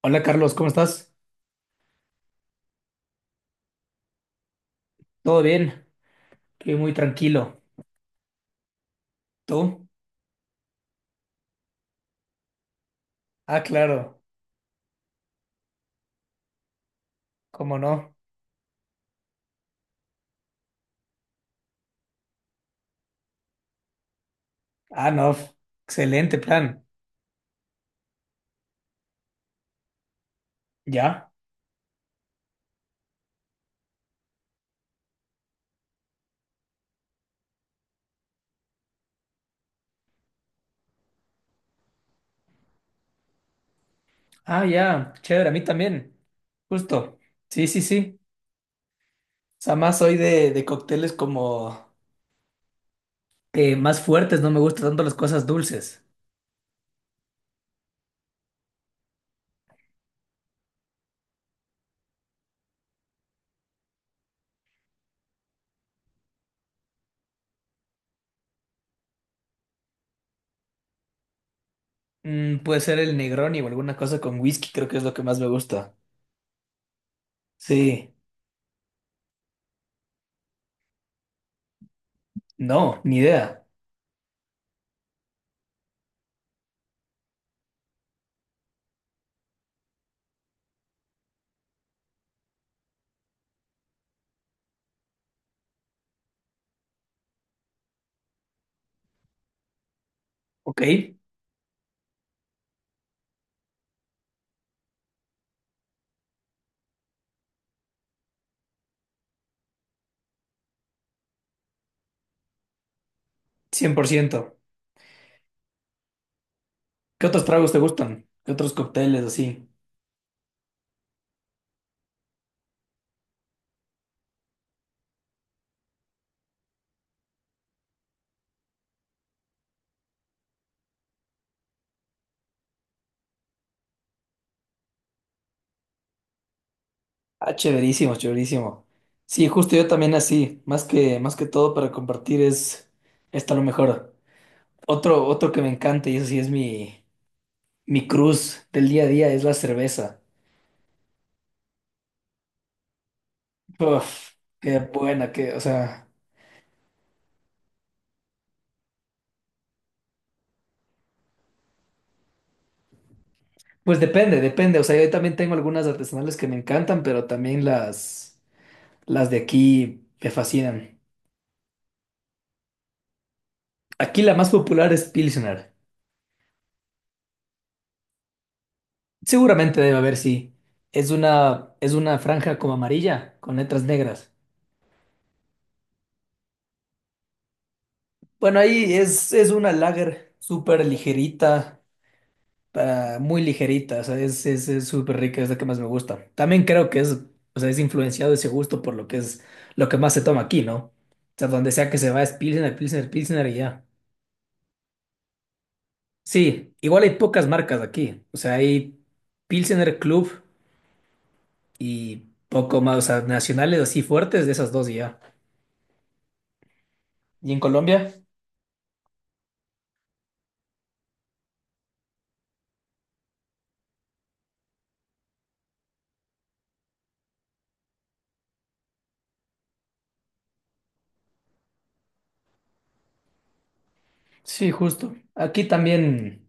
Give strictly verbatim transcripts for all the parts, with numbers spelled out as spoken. Hola Carlos, ¿cómo estás? ¿Todo bien? Estoy muy tranquilo. ¿Tú? Ah, claro, ¿cómo no? Ah, no, f- excelente plan. ¿Ya? Ah, ya, chévere, a mí también. Justo. Sí, sí, sí. O sea, más soy de, de cócteles como eh, más fuertes, no me gustan tanto las cosas dulces. Mm, puede ser el Negroni o alguna cosa con whisky, creo que es lo que más me gusta. Sí, no, ni idea. Ok, cien por ciento. ¿Qué otros tragos te gustan? ¿Qué otros cócteles así? Ah, chéverísimo, chéverísimo. Sí, justo yo también así, más que, más que todo para compartir es, está lo mejor. Otro, otro que me encanta y eso sí es mi, mi cruz del día a día es la cerveza. Uf, qué buena, que, o sea, pues depende, depende. O sea, yo también tengo algunas artesanales que me encantan, pero también las, las de aquí me fascinan. Aquí la más popular es Pilsner. Seguramente debe haber, sí. Es una, es una franja como amarilla con letras negras. Bueno, ahí es, es una lager súper ligerita, ah, muy ligerita, o sea, es, es, es súper rica, es la que más me gusta. También creo que es, o sea, es influenciado ese gusto por lo que es, lo que más se toma aquí, ¿no? O sea, donde sea que se va es Pilsener, Pilsener, Pilsener y ya. Sí, igual hay pocas marcas aquí, o sea, hay Pilsener Club y poco más, o sea, nacionales así fuertes de esas dos y ya. ¿Y en Colombia? Sí, justo. Aquí también.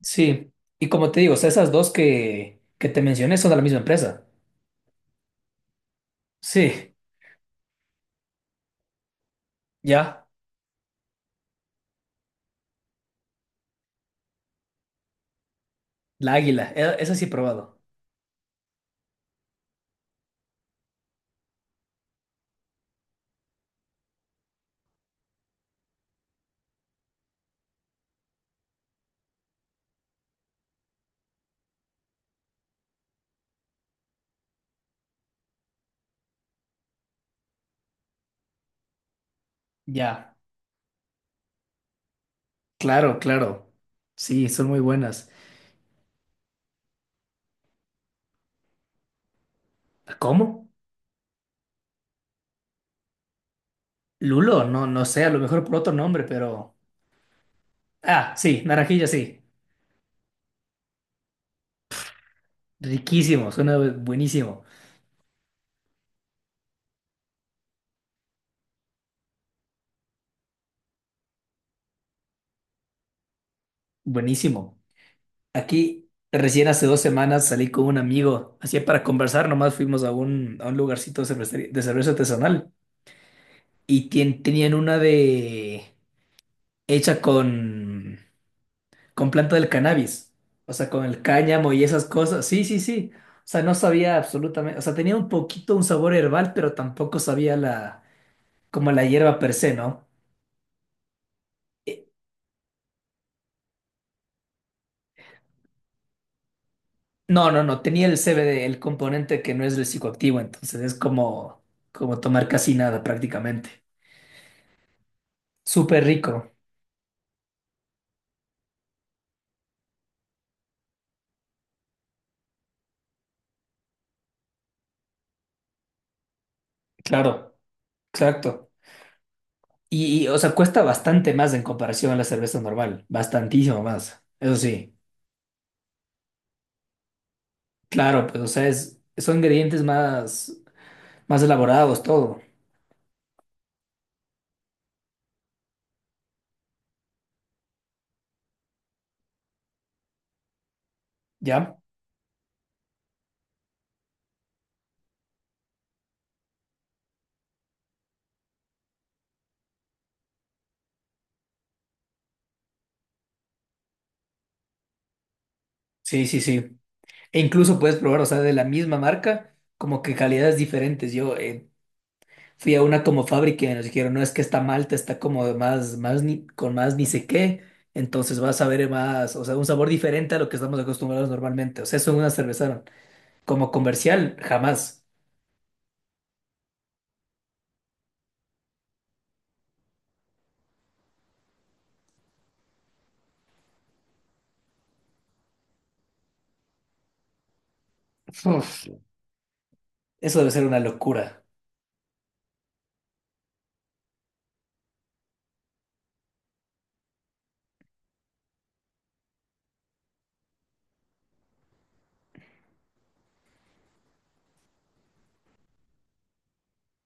Sí, y como te digo, o sea, esas dos que, que te mencioné son de la misma empresa. Sí, ya, la águila, e- esa sí he probado. Ya, claro, claro. Sí, son muy buenas. ¿Cómo? Lulo, no, no sé, a lo mejor por otro nombre, pero... Ah, sí, naranjilla, sí. Riquísimo, suena buenísimo, buenísimo. Aquí, recién hace dos semanas salí con un amigo, así para conversar, nomás fuimos a un, a un lugarcito de cervecería- de cerveza artesanal y tien- tenían una de... hecha con, con planta del cannabis, o sea, con el cáñamo y esas cosas. Sí, sí, sí. O sea, no sabía absolutamente, o sea, tenía un poquito un sabor herbal, pero tampoco sabía la, como la hierba per se, ¿no? Eh, No, no, no, tenía el C B D, el componente que no es el psicoactivo, entonces es como, como tomar casi nada prácticamente. Súper rico, claro, exacto. Y, y, o sea, cuesta bastante más en comparación a la cerveza normal, bastantísimo más, eso sí. Claro, pues, o sea, es- son ingredientes más, más elaborados, todo, ¿ya? Sí, sí, sí. E incluso puedes probar, o sea, de la misma marca, como que calidades diferentes. Yo eh, fui a una como fábrica y nos dijeron, no, es que esta malta está como de más, más ni- con más ni sé qué, entonces vas a ver más, o sea, un sabor diferente a lo que estamos acostumbrados normalmente. O sea, eso en una cerveza, como comercial, jamás. Uf, eso debe ser una locura.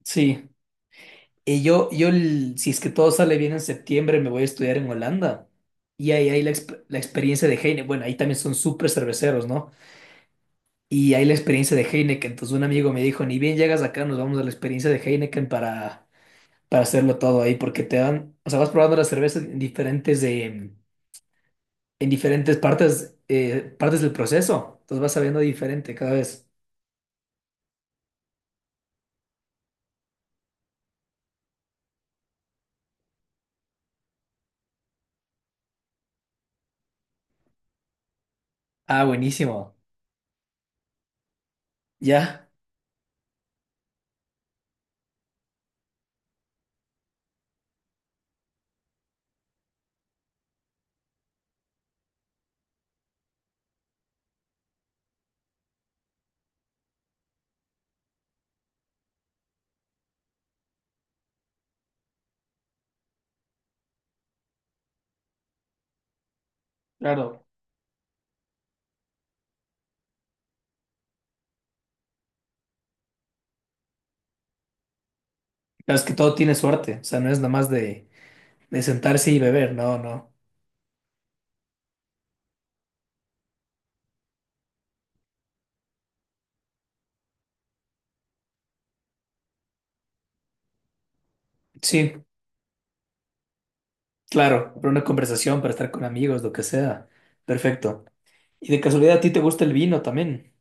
Sí. Y yo, yo, el- si es que todo sale bien en septiembre, me voy a estudiar en Holanda. Y ahí hay la, exp- la experiencia de Heineken. Bueno, ahí también son súper cerveceros, ¿no? Y hay la experiencia de Heineken. Entonces un amigo me dijo, ni bien llegas acá, nos vamos a la experiencia de Heineken para, para hacerlo todo ahí, porque te dan, o sea, vas probando las cervezas en diferentes, eh, en diferentes partes, eh, partes del proceso. Entonces vas sabiendo diferente cada vez. Ah, buenísimo. Ya. Claro. Claro, es que todo tiene suerte. O sea, no es nada más de, de sentarse y beber. No, no. Sí, claro, para una conversación, para estar con amigos, lo que sea. Perfecto. Y de casualidad, ¿a ti te gusta el vino también?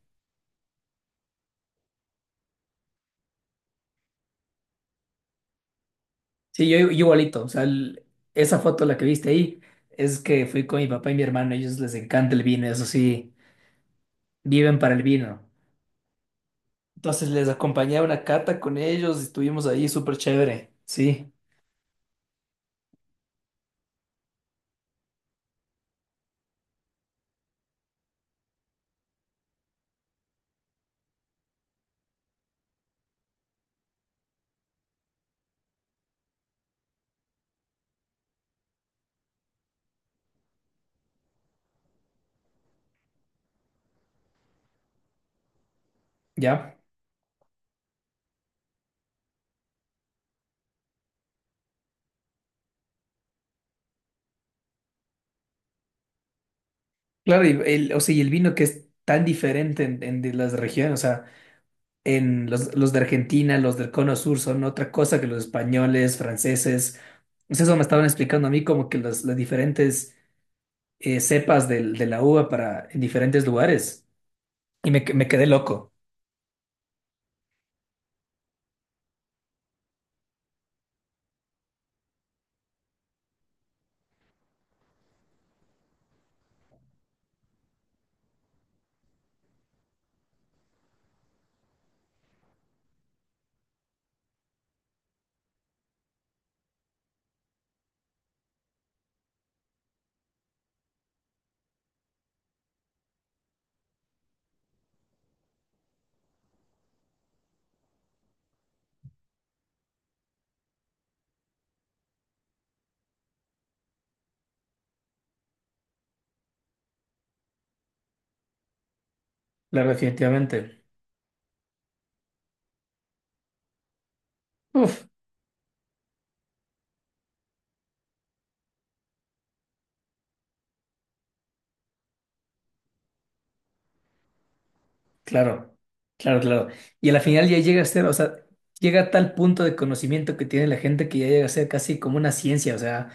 Sí, yo, yo igualito, o sea, el- esa foto la que viste ahí es que fui con mi papá y mi hermano, a ellos les encanta el vino, eso sí, viven para el vino. Entonces les acompañé a una cata con ellos estuvimos ahí súper chévere. Sí. ¿Ya? Claro, y el, o sea, y el vino que es tan diferente en, en de las regiones, o sea, en los, los de Argentina, los del Cono Sur son otra cosa que los españoles, franceses. Pues eso me estaban explicando a mí como que las, las diferentes eh, cepas del- de la uva para en diferentes lugares. Y me, que- me quedé loco, claro, definitivamente. Uf, claro, claro, claro. Y a la final ya llega a ser, o sea, llega a tal punto de conocimiento que tiene la gente que ya llega a ser casi como una ciencia, o sea,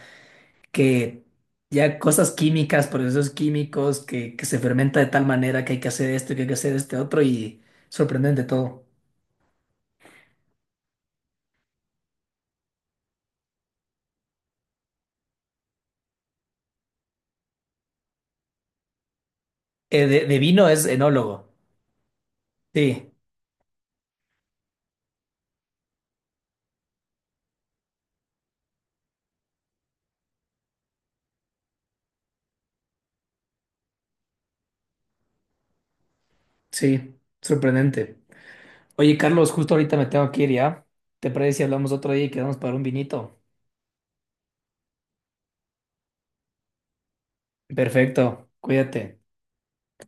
que ya cosas químicas, procesos químicos, que, que se fermenta de tal manera que hay que hacer esto, que hay que hacer este otro y sorprendente todo. Eh, de, de vino es enólogo. Sí, sí, sorprendente. Oye, Carlos, justo ahorita me tengo que ir ya. ¿Te parece si hablamos otro día y quedamos para un vinito? Perfecto, cuídate.